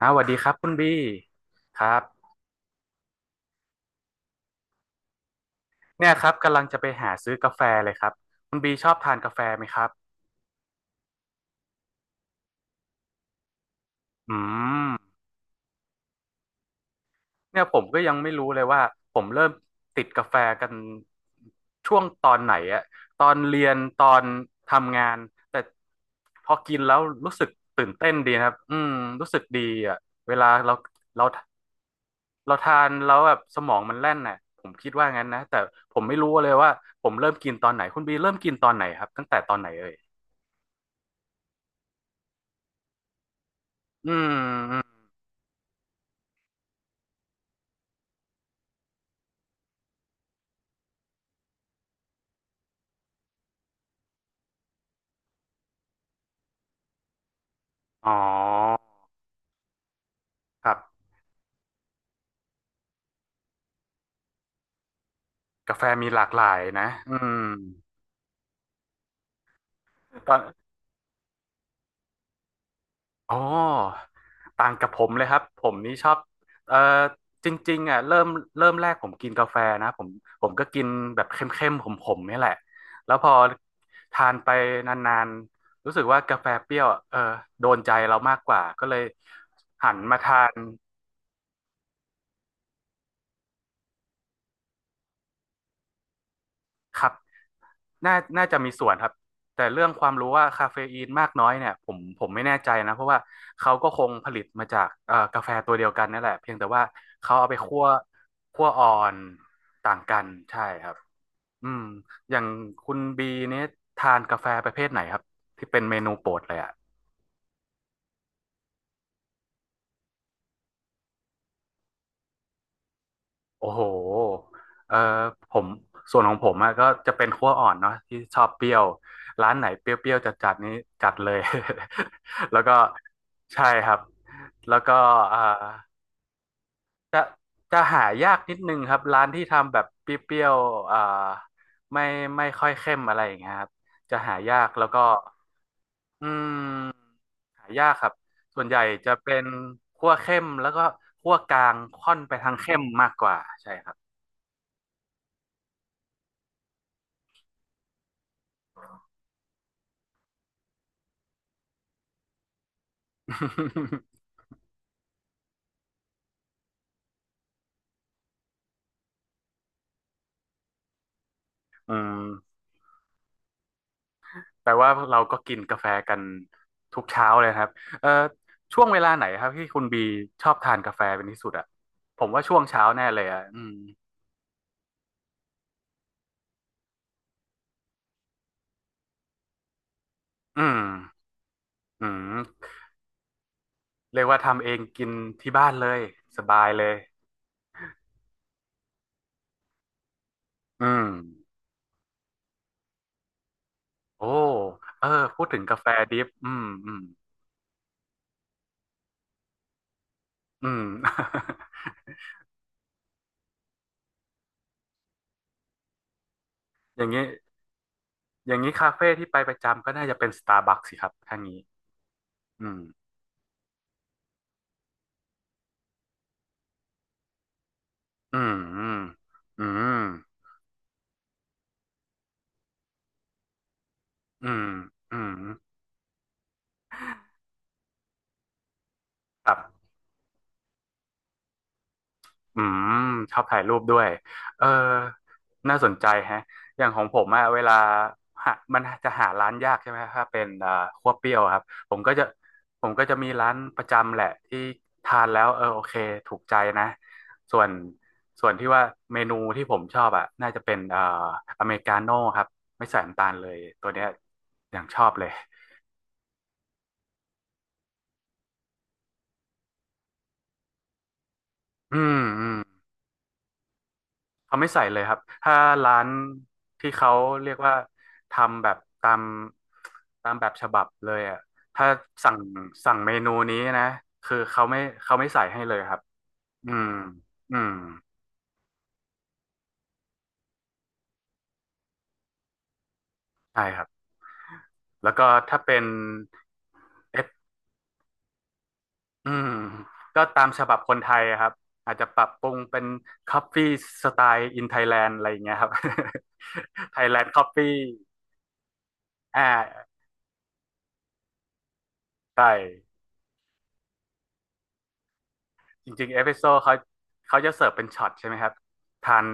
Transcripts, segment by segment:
อ่าวสวัสดีครับคุณบีครับเนี่ยครับกำลังจะไปหาซื้อกาแฟเลยครับคุณบีชอบทานกาแฟไหมครับอืมเนี่ยผมก็ยังไม่รู้เลยว่าผมเริ่มติดกาแฟกันช่วงตอนไหนอะตอนเรียนตอนทำงานแต่พอกินแล้วรู้สึกตื่นเต้นดีนะครับอืมรู้สึกดีอะเวลาเราเราเราทานแล้วแบบสมองมันแล่นน่ะผมคิดว่างั้นนะแต่ผมไม่รู้เลยว่าผมเริ่มกินตอนไหนคุณบีเริ่มกินตอนไหนครับตั้งแต่ตอนไหนเอ่ย อืมอืม อ๋อครับกาแฟมีหลากหลายนะอืมตอนอ๋อต่างกับผมเลยครับ ผมนี่ชอบเอ่อจริงๆอ่ะเริ่มเริ่มแรกผมกินกาแฟนะ ผมก็กินแบบเข้มๆขมๆนี่แหละ แล้วพอทานไปนานๆ รู้สึกว่ากาแฟเปรี้ยวอะเออโดนใจเรามากกว่า ก็เลยหันมาทานครับ น่าน่าจะมีส่วนครับแต่เรื่องความรู้ว่าคาเฟอีนมากน้อยเนี่ยผมไม่แน่ใจนะเพราะว่าเขาก็คงผลิตมาจากกาแฟตัวเดียวกันนั่นแหละเพียงแต่ว่าเขาเอาไปคั่วคั่วอ่อนต่างกันใช่ครับอืมอย่างคุณบีเนี่ยทานกาแฟประเภทไหนครับที่เป็นเมนูโปรดเลยอ่ะ โอ้โหเออผมส่วนของผมอะก็จะเป็นคั่วอ่อนเนาะที่ชอบเปรี้ยวร้านไหนเปรี้ยวๆจัดๆนี้จัดเลย แล้วก็ใช่ครับแล้วก็เอ่อจะหายากนิดนึงครับร้านที่ทำแบบเปรี้ยวๆไม่ไม่ค่อยเข้มอะไรอย่างเงี้ยครับจะหายากแล้วก็อืมหายากครับส่วนใหญ่จะเป็นคั่วเข้มแล้วก็คั่วกลางค่อนไปทางเข้มมากกว่าใช่ครับ อืม แปลว่าเราก็กินกาแฟกันทุกเช้าเลยครับเอ่อช่วงเวลาไหนครับที่คุณบีชอบทานกาแฟเป็นที่สุดอ่ะผมว่าช่วงเช้าแน่เลยอ่ะอืมอืมอืมเรียกว่าทำเองกินที่บ้านเลยสบายเลยอืมโอ้เออพูดถึงกาแฟดิฟอืมอืมอืม อย่างนี้อย่างนี้คาเฟ่ที่ไปประจำก็น่าจะเป็นสตาร์บัคสิครับท่านี้อืมอืมอืมอืมอืมอืมครับ อืมชอบถ่ายรูปด้วยเออน่าสนใจแฮะอย่างของผมอะเวลาหามันจะหาร้านยากใช่ไหม ถ้าเป็นคั่วเปรี้ยวครับผมก็จะผมก็จะมีร้านประจำแหละที่ทานแล้วเออโอเคถูกใจนะส่วนส่วนที่ว่าเมนูที่ผมชอบอะน่าจะเป็นอเมริกาโน่ครับไม่ใส่น้ำตาลเลยตัวเนี้ยอย่างชอบเลยอืมอืม เขาไม่ใส่เลยครับ ถ้าร้านที่เขาเรียกว่าทำแบบตามตามแบบฉบับเลยอ่ะถ้าสั่งสั่งเมนูนี้นะ คือเขาไม่ใส่ให้เลยครับ อืม อืมใช่ครับ แล้วก็ถ้าเป็นเอสอืม ก็ตามฉบับคนไทยอะครับ อาจจะปรับปรุงเป็นคอฟฟี่สไตล์อินไทยแลนด์อะไรอย่างเงี้ยครับ ไทยแลนด์คอฟฟี่อ่าใช่ จริงๆเอพิโซดเขาเขาจะเสิร์ฟเป็นช็อตใช่ไหมครับทาน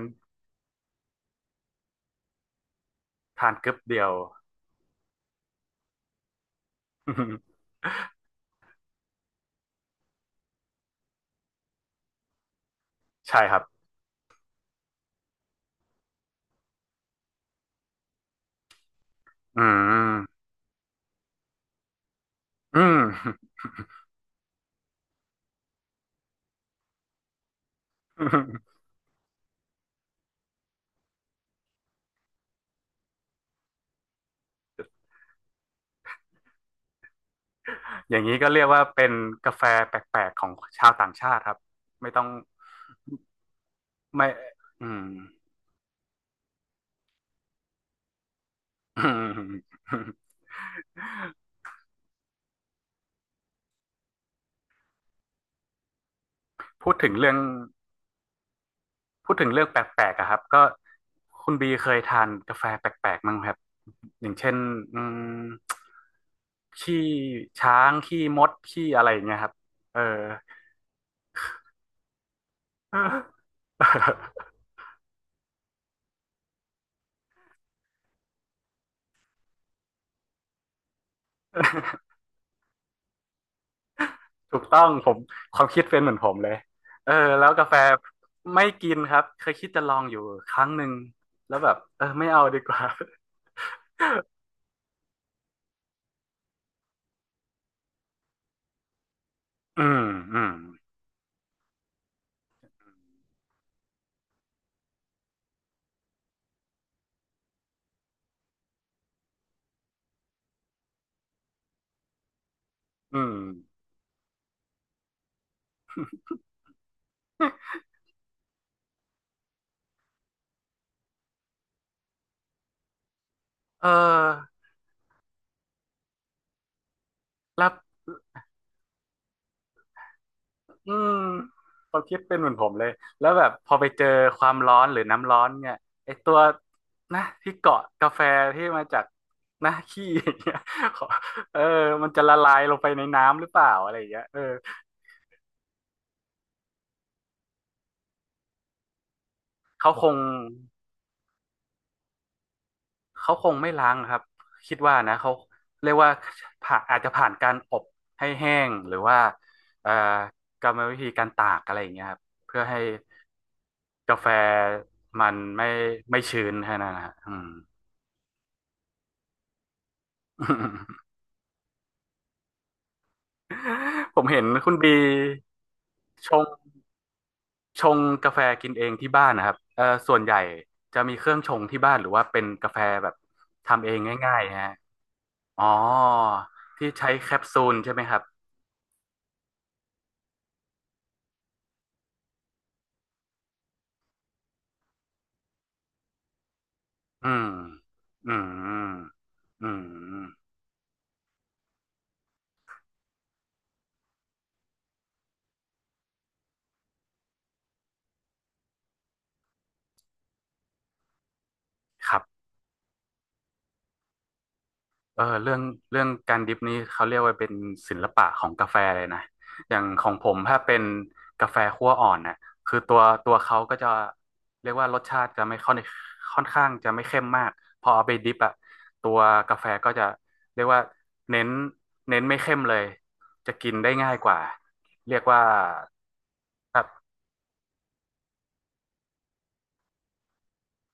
ทานกึ๊บเดียว ใช่ครับอืมอืม อย่างนี้ก็เรียกว่าเป็นกาแฟแปลกๆของชาวต่างชาติครับไม่ต้องไม่อืม พูดถึงเรื่องพูดถึงเรื่องแปลกๆอะครับก็คุณบีเคยทานกาแฟแปลกๆมั้งไหมครับอย่างเช่นอืมขี้ช้างขี้มดขี้อะไรอย่างเงี้ยครับเออ เออถูกต้องผมความคิดเป็นเหมือนผมเลยเออแล้วกาแฟไม่กินครับเคยคิดจะลองอยู่ครั้งหนึ่งแล้วแบบเออไม่เอาดีกว่า อืมอืมอืมเออแล้วอืมความคิดเป็นเหมือนผมเลยแล้วแบบพอไปเจอความร้อนหรือน้ำร้อนเนี่ยไอตัวนะที่เกาะกาแฟที่มาจากนะขี้อย่างเงี้ย ขอเออมันจะละลายลงไปในน้ำหรือเปล่าอะไรอย่างเงี้ยเออเขาคง เขาคงไม่ล้างครับคิดว่านะเขาเรียกว่าผ่าอาจจะผ่านการอบให้แห้งหรือว่าเอ่อกรรมวิธีการตากอะไรอย่างเงี้ยครับเพื่อให้กาแฟมันไม่ชื้นแค่นั้นนะฮะอืม ผมเห็นคุณบีชงชงกาแฟกินเองที่บ้านนะครับส่วนใหญ่จะมีเครื่องชงที่บ้านหรือว่าเป็นกาแฟแบบทำเองง่ายๆฮะอ๋อที่ใช้แคปซูลใช่ไหมครับ อืมอืมอืมครับเออเรื่องการดริปนี้เขาเรียกว่าเป็นศิลปะของกาแฟเลยนะอย่างของผมถ้าเป็นกาแฟคั่วอ่อนน่ะคือตัวเขาก็จะเรียกว่ารสชาติจะไม่ค่อนค่อนข้างจะไม่เข้มมากพอเอาไปดริปอะตัวกาแฟก็จะเรียกว่าเน้นเน้นไม่เข้มเลยจะกินได้ง่ายกว่า เรียกว่าครับ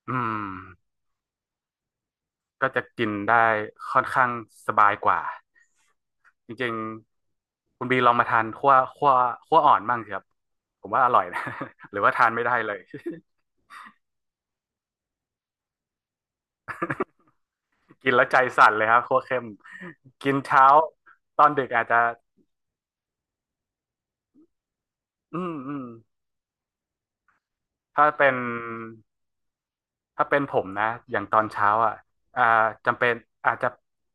อืมก็จะกินได้ค่อนข้างสบายกว่า จริงๆคุณบีลองมาทานคั่วอ่อนบ้างสิครับผมว่าอร่อยนะ หรือว่าทานไม่ได้เลย กินแล้วใจสั่นเลยครับคั่วเข้มกินเช้าตอนดึกอาจจะอืมอืมถ้าเป็นถ้าเป็นผมนะอย่างตอนเช้าอ่ะอ่าจำเป็นอาจจะ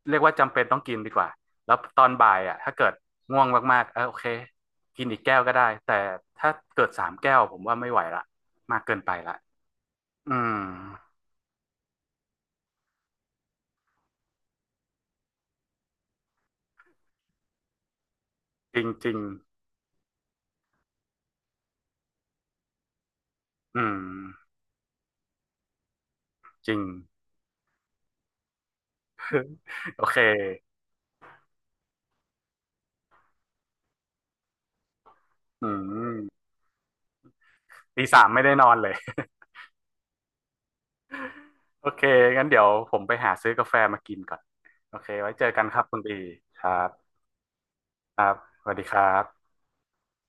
เรียกว่าจำเป็นต้องกินดีกว่าแล้วตอนบ่ายอ่ะถ้าเกิดง่วงมากๆเออโอเคกินอีกแก้วก็ได้แต่ถ้าเกิดสามแก้วผมว่าไม่ไหวละมากเกินไปละอืมจริง อืมจริงโอเคอืมตีสามไม่ได้นอนเลย โอเคงั้นเดี๋ยวผมไปหาซื้อกาแฟมากินก่อนโอเคไว้เจอกันครับคุณบีครับครับสวัสดีครับ